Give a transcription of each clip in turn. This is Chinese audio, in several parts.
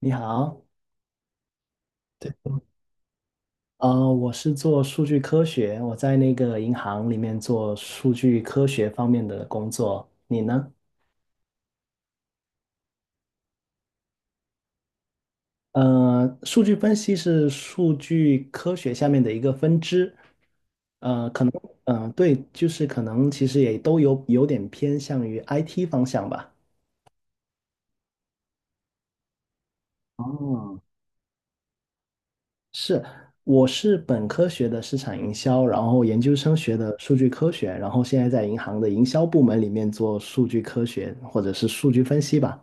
你好。对，我是做数据科学，我在那个银行里面做数据科学方面的工作。你呢？数据分析是数据科学下面的一个分支。嗯、对，就是可能其实也都有点偏向于 IT 方向吧。哦，是，我是本科学的市场营销，然后研究生学的数据科学，然后现在在银行的营销部门里面做数据科学或者是数据分析吧。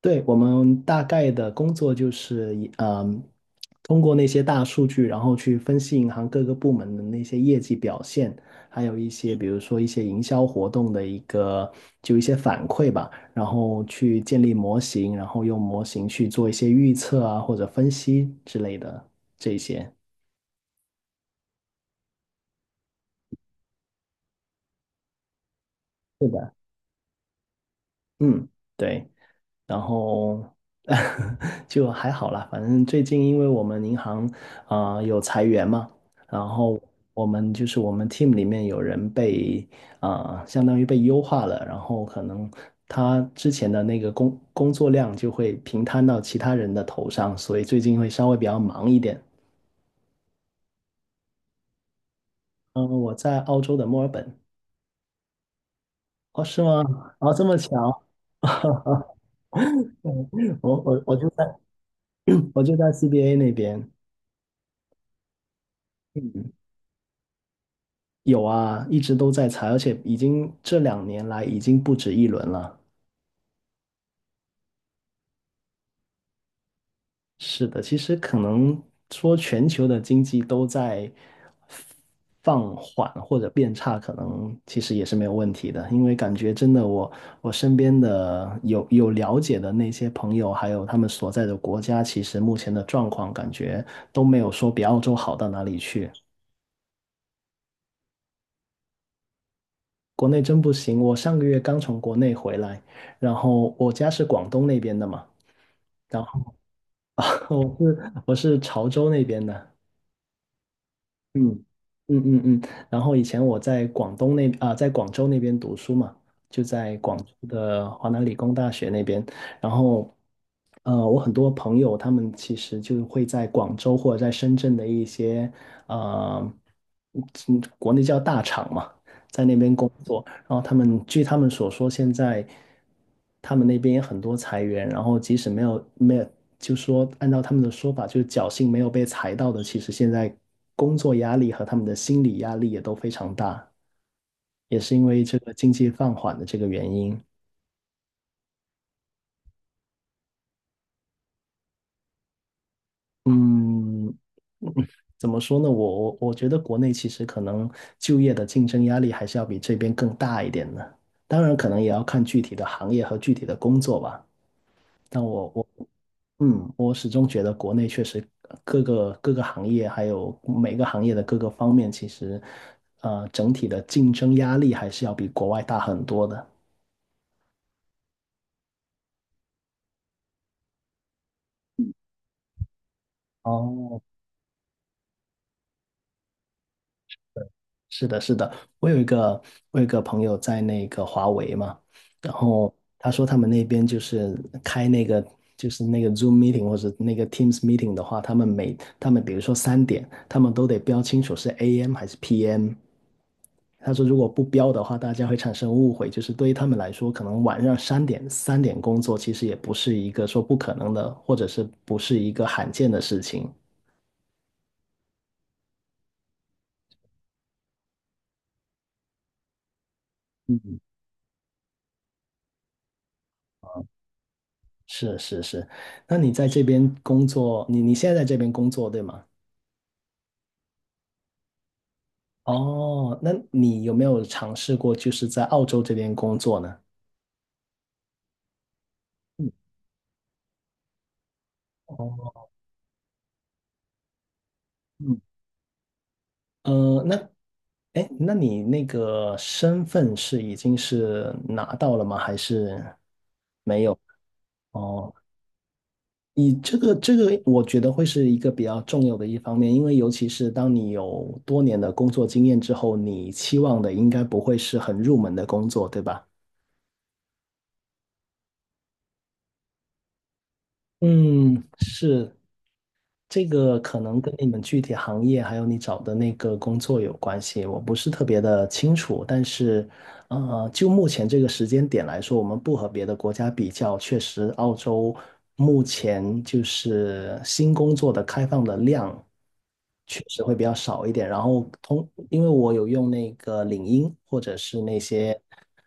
对，我们大概的工作就是以通过那些大数据，然后去分析银行各个部门的那些业绩表现，还有一些比如说一些营销活动的一个就一些反馈吧，然后去建立模型，然后用模型去做一些预测啊或者分析之类的这些。是的。嗯，对。然后 就还好啦。反正最近因为我们银行有裁员嘛，然后我们 team 里面有人被相当于被优化了，然后可能他之前的那个工作量就会平摊到其他人的头上，所以最近会稍微比较忙一点。嗯、我在澳洲的墨尔本。哦，是吗？哦，这么巧。我就在 我就在 CBA 那边。有啊，一直都在裁，而且已经这两年来已经不止一轮了。是的，其实可能说全球的经济都在放缓或者变差，可能其实也是没有问题的。因为感觉真的我，我身边的有了解的那些朋友，还有他们所在的国家，其实目前的状况感觉都没有说比澳洲好到哪里去。国内真不行，我上个月刚从国内回来，然后我家是广东那边的嘛。然我是潮州那边的。嗯嗯。然后以前我在广东那在广州那边读书嘛，就在广州的华南理工大学那边。然后，我很多朋友他们其实就会在广州或者在深圳的一些呃，国内叫大厂嘛，在那边工作。然后他们据他们所说，现在他们那边也很多裁员，然后即使没有，就说按照他们的说法，就是侥幸没有被裁到的，其实现在工作压力和他们的心理压力也都非常大，也是因为这个经济放缓的这个原因。嗯，怎么说呢？我觉得国内其实可能就业的竞争压力还是要比这边更大一点的，当然可能也要看具体的行业和具体的工作吧。但我我嗯，我始终觉得国内确实各个行业，还有每个行业的各个方面，其实整体的竞争压力还是要比国外大很多的。哦，是的，是的。我有一个我有一个朋友在那个华为嘛，然后他说他们那边就是开那个就是那个 Zoom meeting 或者那个 Teams meeting 的话，他们比如说三点，他们都得标清楚是 AM 还是 PM。他说，如果不标的话，大家会产生误会，就是对于他们来说，可能晚上三点工作，其实也不是一个说不可能的，或者是不是一个罕见的事情。嗯，是是是。那你在这边工作，你现在在这边工作，对吗？哦，那你有没有尝试过就是在澳洲这边工作呢？嗯哦。嗯。呃，那，哎，那你那个身份是已经是拿到了吗？还是没有？哦，你这个，我觉得会是一个比较重要的一方面，因为尤其是当你有多年的工作经验之后，你期望的应该不会是很入门的工作，对吧？嗯，是。这个可能跟你们具体行业还有你找的那个工作有关系，我不是特别的清楚，但是，就目前这个时间点来说，我们不和别的国家比较，确实澳洲目前就是新工作的开放的量。确实会比较少一点。然后通，因为我有用那个领英或者是那些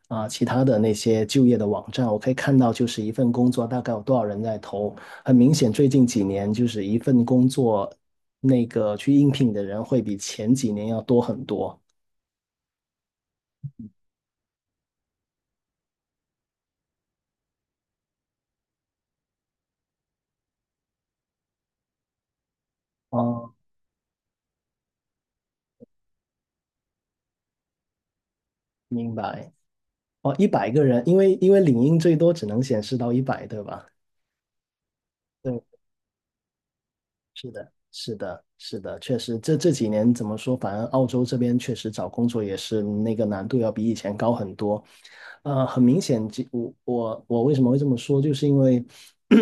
其他的那些就业的网站，我可以看到就是一份工作大概有多少人在投。很明显，最近几年就是一份工作那个去应聘的人会比前几年要多很多。哦，明白。哦，100个人。因为因为领英最多只能显示到一百，对吧？对，是的，是的，确实。这这几年怎么说，反正澳洲这边确实找工作也是那个难度要比以前高很多。很明显，这我为什么会这么说，就是因为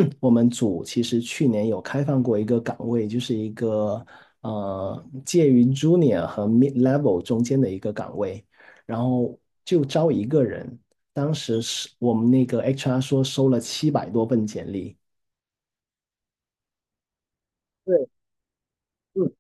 我们组其实去年有开放过一个岗位，就是一个介于 junior 和 mid level 中间的一个岗位，然后就招一个人，当时是我们那个 HR 说收了700多份简历。对。嗯。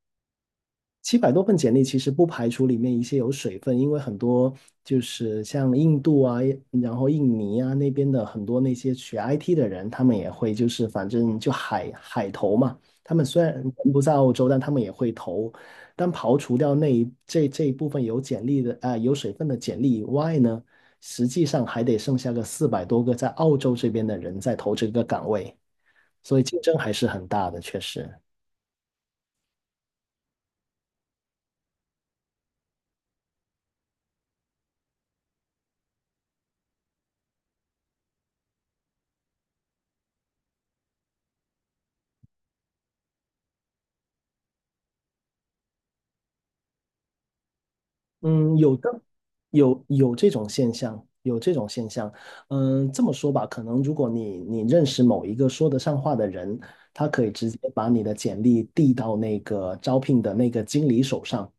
七百多份简历其实不排除里面一些有水分，因为很多就是像印度啊，然后印尼啊那边的很多那些学 IT 的人，他们也会就是反正就海投嘛，他们虽然人不在澳洲，但他们也会投。但刨除掉那一这一部分有简历的有水分的简历以外呢，实际上还得剩下个400多个在澳洲这边的人在投这个岗位，所以竞争还是很大的，确实。嗯，有的。有有这种现象，有这种现象。嗯，这么说吧，可能如果你认识某一个说得上话的人，他可以直接把你的简历递到那个招聘的那个经理手上。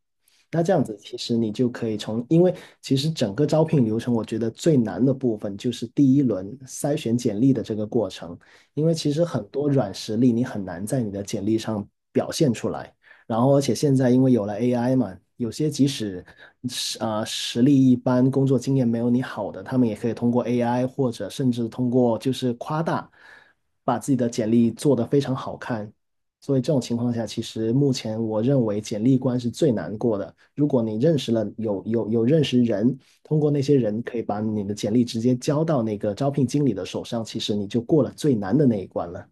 那这样子，其实你就可以从，因为其实整个招聘流程，我觉得最难的部分就是第1轮筛选简历的这个过程，因为其实很多软实力你很难在你的简历上表现出来。然后而且现在因为有了 AI 嘛，有些即使实力一般、工作经验没有你好的，他们也可以通过 AI 或者甚至通过就是夸大，把自己的简历做得非常好看。所以这种情况下，其实目前我认为简历关是最难过的。如果你认识了有认识人，通过那些人可以把你的简历直接交到那个招聘经理的手上，其实你就过了最难的那一关了。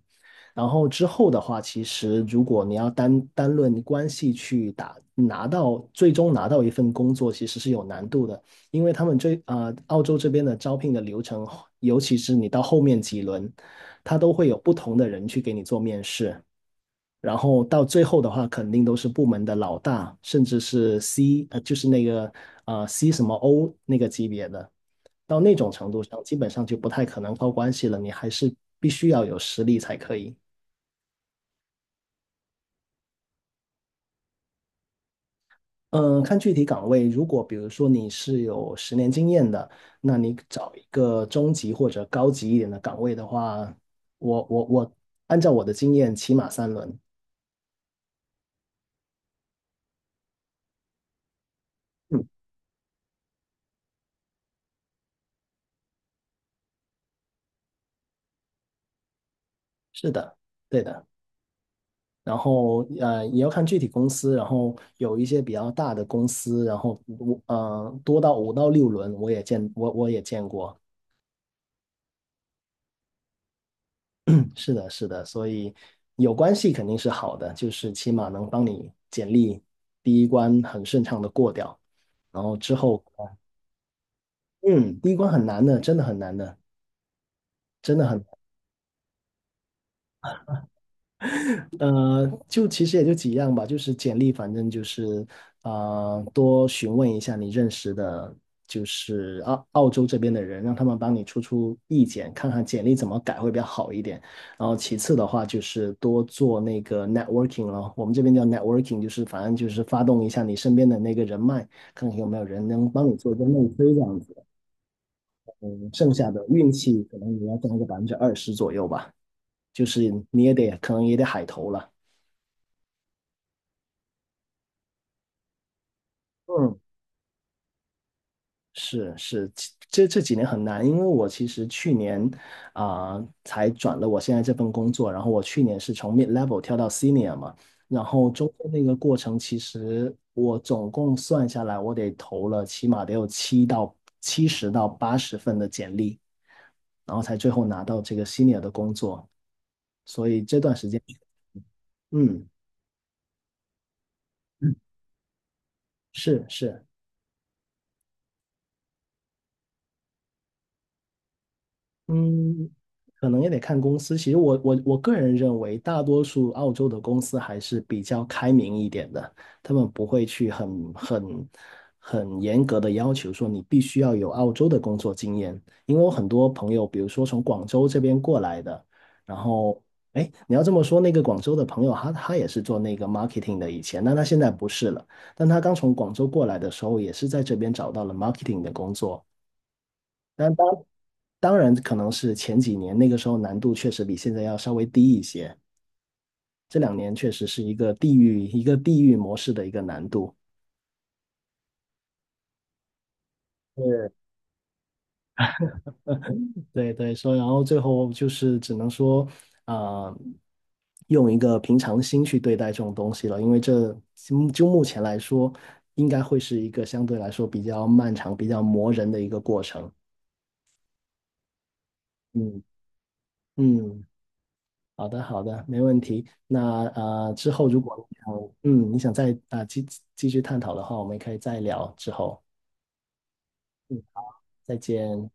然后之后的话，其实如果你要单单论关系去打拿到最终拿到一份工作，其实是有难度的，因为他们这澳洲这边的招聘的流程，尤其是你到后面几轮，他都会有不同的人去给你做面试，然后到最后的话，肯定都是部门的老大，甚至是 就是那个C 什么 O 那个级别的。到那种程度上，基本上就不太可能靠关系了，你还是必须要有实力才可以。嗯，看具体岗位。如果比如说你是有10年经验的，那你找一个中级或者高级一点的岗位的话，我我我按照我的经验，起码3轮。嗯，是的，对的。然后也要看具体公司。然后有一些比较大的公司，然后我多到5到6轮，我也见过。是的，是的。所以有关系肯定是好的，就是起码能帮你简历第一关很顺畅的过掉。然后之后，嗯，第一关很难的，真的很难的，真的很难，就其实也就几样吧，就是简历，反正就是多询问一下你认识的，就是澳洲这边的人，让他们帮你出出意见，看看简历怎么改会比较好一点。然后其次的话，就是多做那个 networking 咯，我们这边叫 networking，就是反正就是发动一下你身边的那个人脉，看看有没有人能帮你做一个内推这样子。剩下的运气可能也要占一个20%左右吧，就是你也得可能也得海投了。嗯，是是，这几年很难，因为我其实去年才转了我现在这份工作，然后我去年是从 mid level 跳到 senior 嘛，然后中间那个过程，其实我总共算下来，我得投了起码得有70到80份的简历，然后才最后拿到这个 senior 的工作，所以这段时间，嗯，是是。嗯，可能也得看公司。其实我个人认为，大多数澳洲的公司还是比较开明一点的，他们不会去很严格的要求说你必须要有澳洲的工作经验。因为我很多朋友，比如说从广州这边过来的，然后哎，你要这么说，那个广州的朋友他也是做那个 marketing 的以前，但他现在不是了。但他刚从广州过来的时候，也是在这边找到了 marketing 的工作。但当。当然，可能是前几年那个时候难度确实比现在要稍微低一些，这2年确实是一个地域模式的一个难度。对对对，所以然后最后就是只能说，啊、用一个平常心去对待这种东西了，因为这就目前来说，应该会是一个相对来说比较漫长、比较磨人的一个过程。嗯嗯。好的，好的，没问题。那之后如果你想，嗯，你想再继续探讨的话，我们可以再聊。之后再见。